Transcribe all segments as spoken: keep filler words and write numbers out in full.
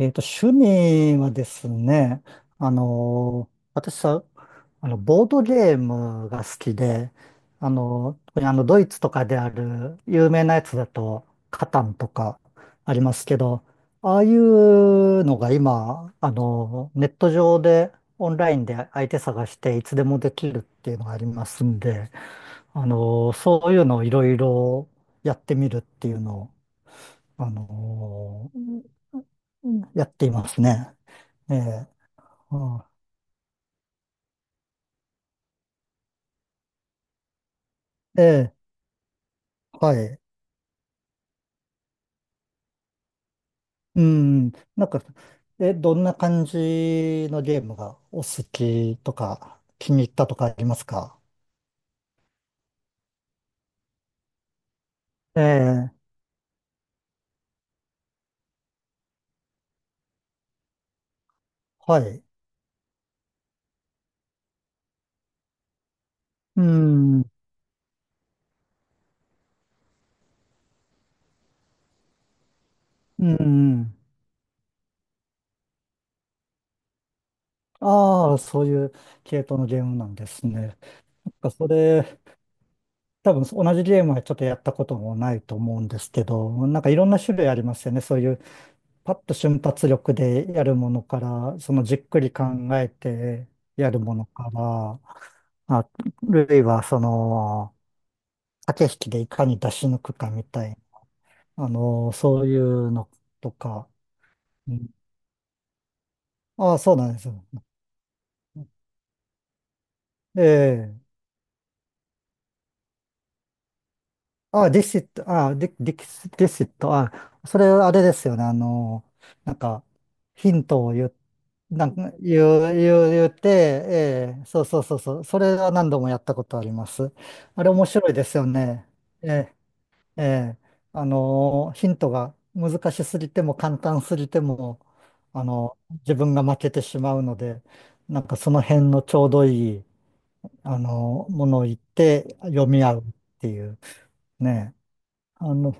えっと、趣味はですね、あのー私さ、あの、ボードゲームが好きで、あのー特にあの、ドイツとかである有名なやつだと、カタンとかありますけど、ああいうのが今、あのーネット上で、オンラインで相手探していつでもできるっていうのがありますんで、あのーそういうのをいろいろやってみるっていうのをあのうんやっていますね。ええ、うん、ええ、はい。うん、なんか、え、どんな感じのゲームがお好きとか、気に入ったとかありますか？ええ、はい。うん、うん。ああ、そういう系統のゲームなんですね。なんかそれ、多分同じゲームはちょっとやったこともないと思うんですけど、なんかいろんな種類ありますよね。そういうパッと瞬発力でやるものから、そのじっくり考えてやるものから、あ、るいはその、駆け引きでいかに出し抜くかみたいな、あの、そういうのとか、うん、ああ、そうなんですよ。ええ、ああ、ディシット、ああ、ディ、ディスディシット、ああ、それあれですよね、あの、なんか、ヒントを言う、なんか、言う、言う、言って、ええ、そうそうそうそう、それは何度もやったことあります。あれ面白いですよね。ええ、ええ、あの、ヒントが難しすぎても簡単すぎても、あの、自分が負けてしまうので、なんかその辺のちょうどいい、あの、ものを言って読み合うっていう、ね。あの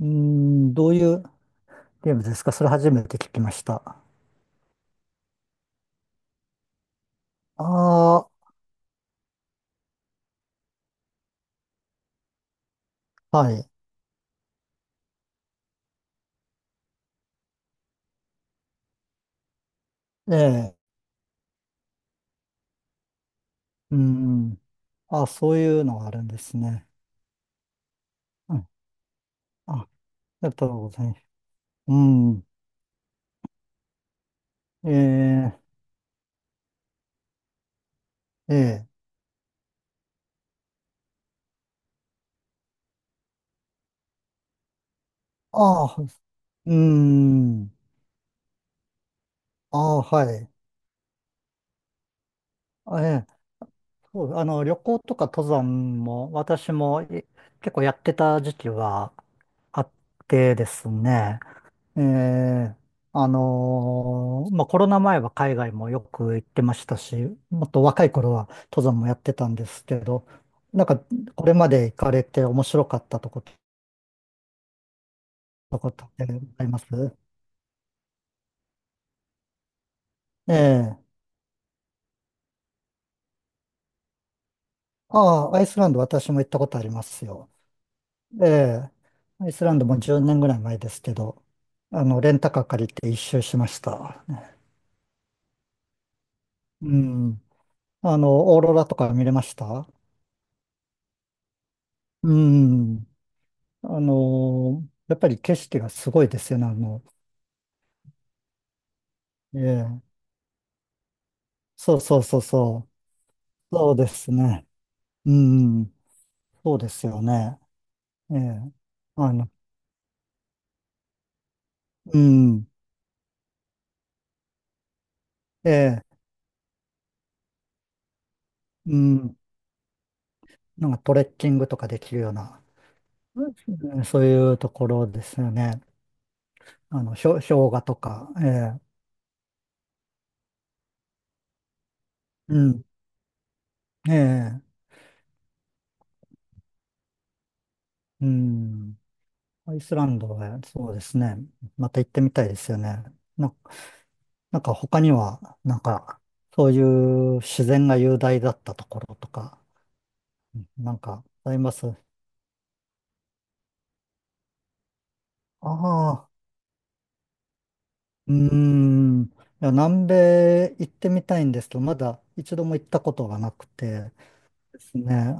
うーん、どういうゲームですか？それ初めて聞きました。ああ、はい。ええ、うん。あ、そういうのがあるんですね。うん。あ、ありがとうございます。うん。ええ、ええ。ああ、うん。ああ、はい。あ、ええ、そう、あの、旅行とか登山も、私もい結構やってた時期はあってですね。ええ、あのーまあ、コロナ前は海外もよく行ってましたし、もっと若い頃は登山もやってたんですけど、なんか、これまで行かれて面白かったとこと、とことってあります？ええ。ああ、アイスランド私も行ったことありますよ。ええ。アイスランドもじゅうねんぐらい前ですけど、あの、レンタカー借りて一周しました。うん。あの、オーロラとか見れました？うん。あのーやっぱり景色がすごいですよね、あの、ええ、そうそうそうそう、そうですね。うん、そうですよね。ええ、あの、うん、ええ、うん、なんかトレッキングとかできるような、うん、そういうところですよね。あの、氷、氷河とか、ええ、うん、ええ、うん、アイスランドはそうですね。また行ってみたいですよね。ななんか他には、なんか、そういう自然が雄大だったところとか、なんかあります？ああ、うーん。いや、南米行ってみたいんですけど、まだ一度も行ったことがなくてですね。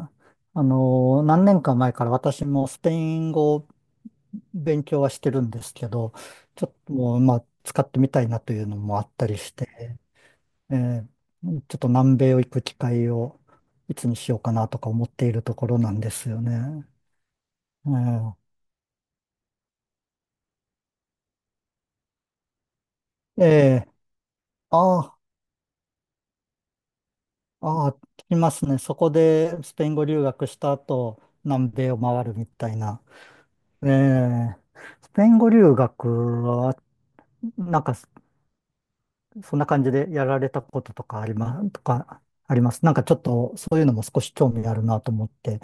あの、何年か前から私もスペイン語を勉強はしてるんですけど、ちょっともう、まあ、使ってみたいなというのもあったりして。えーちょっと南米を行く機会をいつにしようかなとか思っているところなんですよね。えー、えー、あー、あー、聞きますね。そこでスペイン語留学した後、南米を回るみたいな。ええ、スペイン語留学は、なんかそそんな感じでやられたこととかあります、とかあります。なんかちょっとそういうのも少し興味あるなと思って。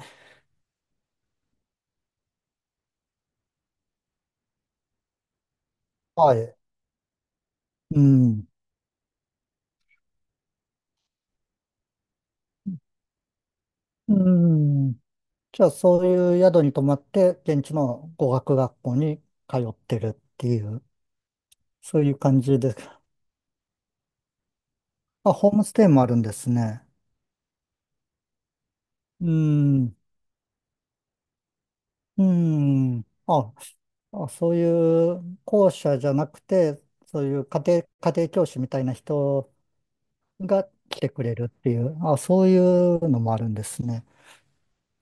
はい。うん。うん。じゃあ、そういう宿に泊まって、現地の語学学校に通ってるっていう、そういう感じです。あ、ホームステイもあるんですね。うーん、うーん。あ、あ、そういう校舎じゃなくて、そういう家庭、家庭教師みたいな人が来てくれるっていう、あ、そういうのもあるんですね。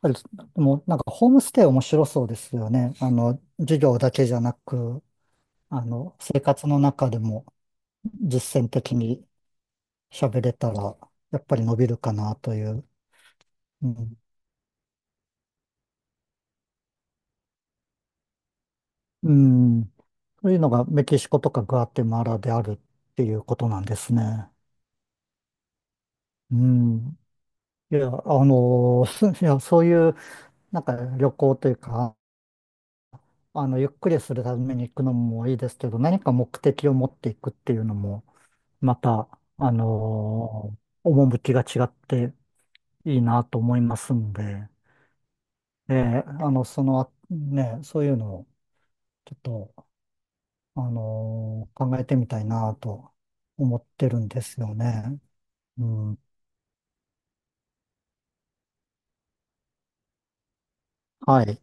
やっぱりでもなんかホームステイ面白そうですよね。あの、授業だけじゃなく、あの、生活の中でも実践的に喋れたら、やっぱり伸びるかなという。うん。うん。そういうのがメキシコとかグアテマラであるっていうことなんですね。うん。いや、あの、すいや、そういう、なんか旅行というか、あの、ゆっくりするために行くのもいいですけど、何か目的を持っていくっていうのも、また、あの、趣が違っていいなと思いますんで、えーあの、その、ね、そういうのを、ちょっと、あのー考えてみたいなと思ってるんですよね。うん。はい。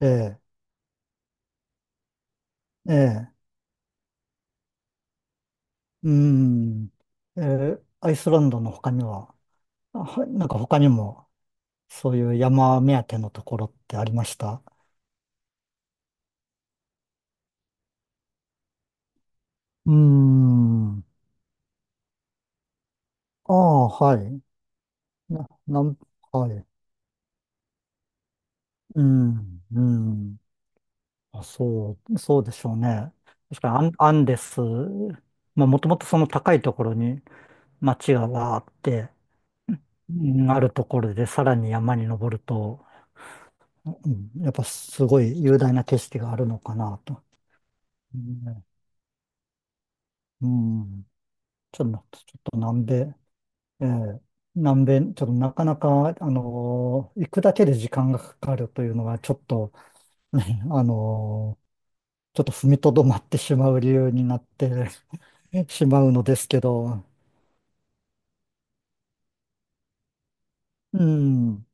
ええ、ええ、うん。ええ、アイスランドの他には、あはなんか他にも、そういう山目当てのところってありました？うーん。ああ、はい。な、なん、はい。うん、うん。あ、そう、そうでしょうね。確かうんあるところでさらに山に登ると、うん、やっぱすごい雄大な景色があるのかなと。うん、うん、ちょっと、ちょっと南米、ええ、南米、ちょっとなかなか、あのー行くだけで時間がかかるというのが、ちょっと、ねあのーちょっと踏みとどまってしまう理由になって しまうのですけど、うん、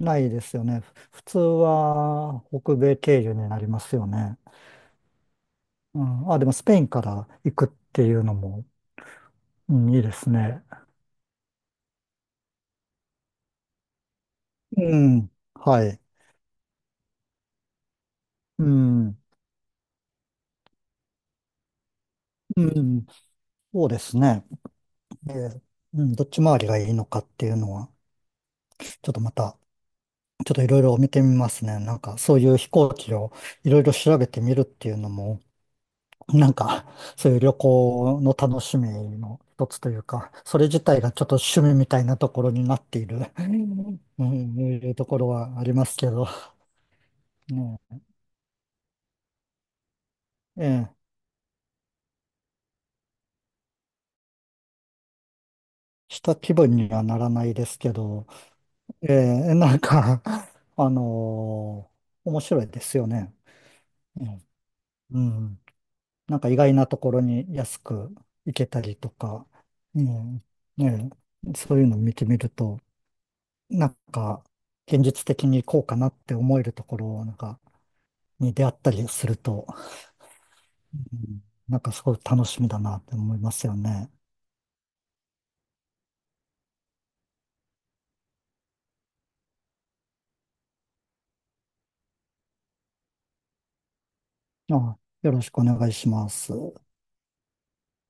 ないですよね。普通は北米経由になりますよね。うん、あ、でもスペインから行くっていうのも、うん、いいですね。うん。はい。うん。うん。そうですね。えーうん、どっち回りがいいのかっていうのは、ちょっとまた、ちょっといろいろ見てみますね。なんか、そういう飛行機をいろいろ調べてみるっていうのも、なんか、そういう旅行の楽しみの一つというか、それ自体がちょっと趣味みたいなところになっている、うん、うんいうところはありますけど、ね。ええ、した気分にはならないですけど、ええ、なんか、あのー面白いですよね。うん。うん、なんか意外なところに安く行けたりとか、うん、ねえ、そういうのを見てみると、なんか、現実的にこうかなって思えるところなんかに出会ったりすると、うん、なんかすごい楽しみだなって思いますよね。あ、よろしくお願いします。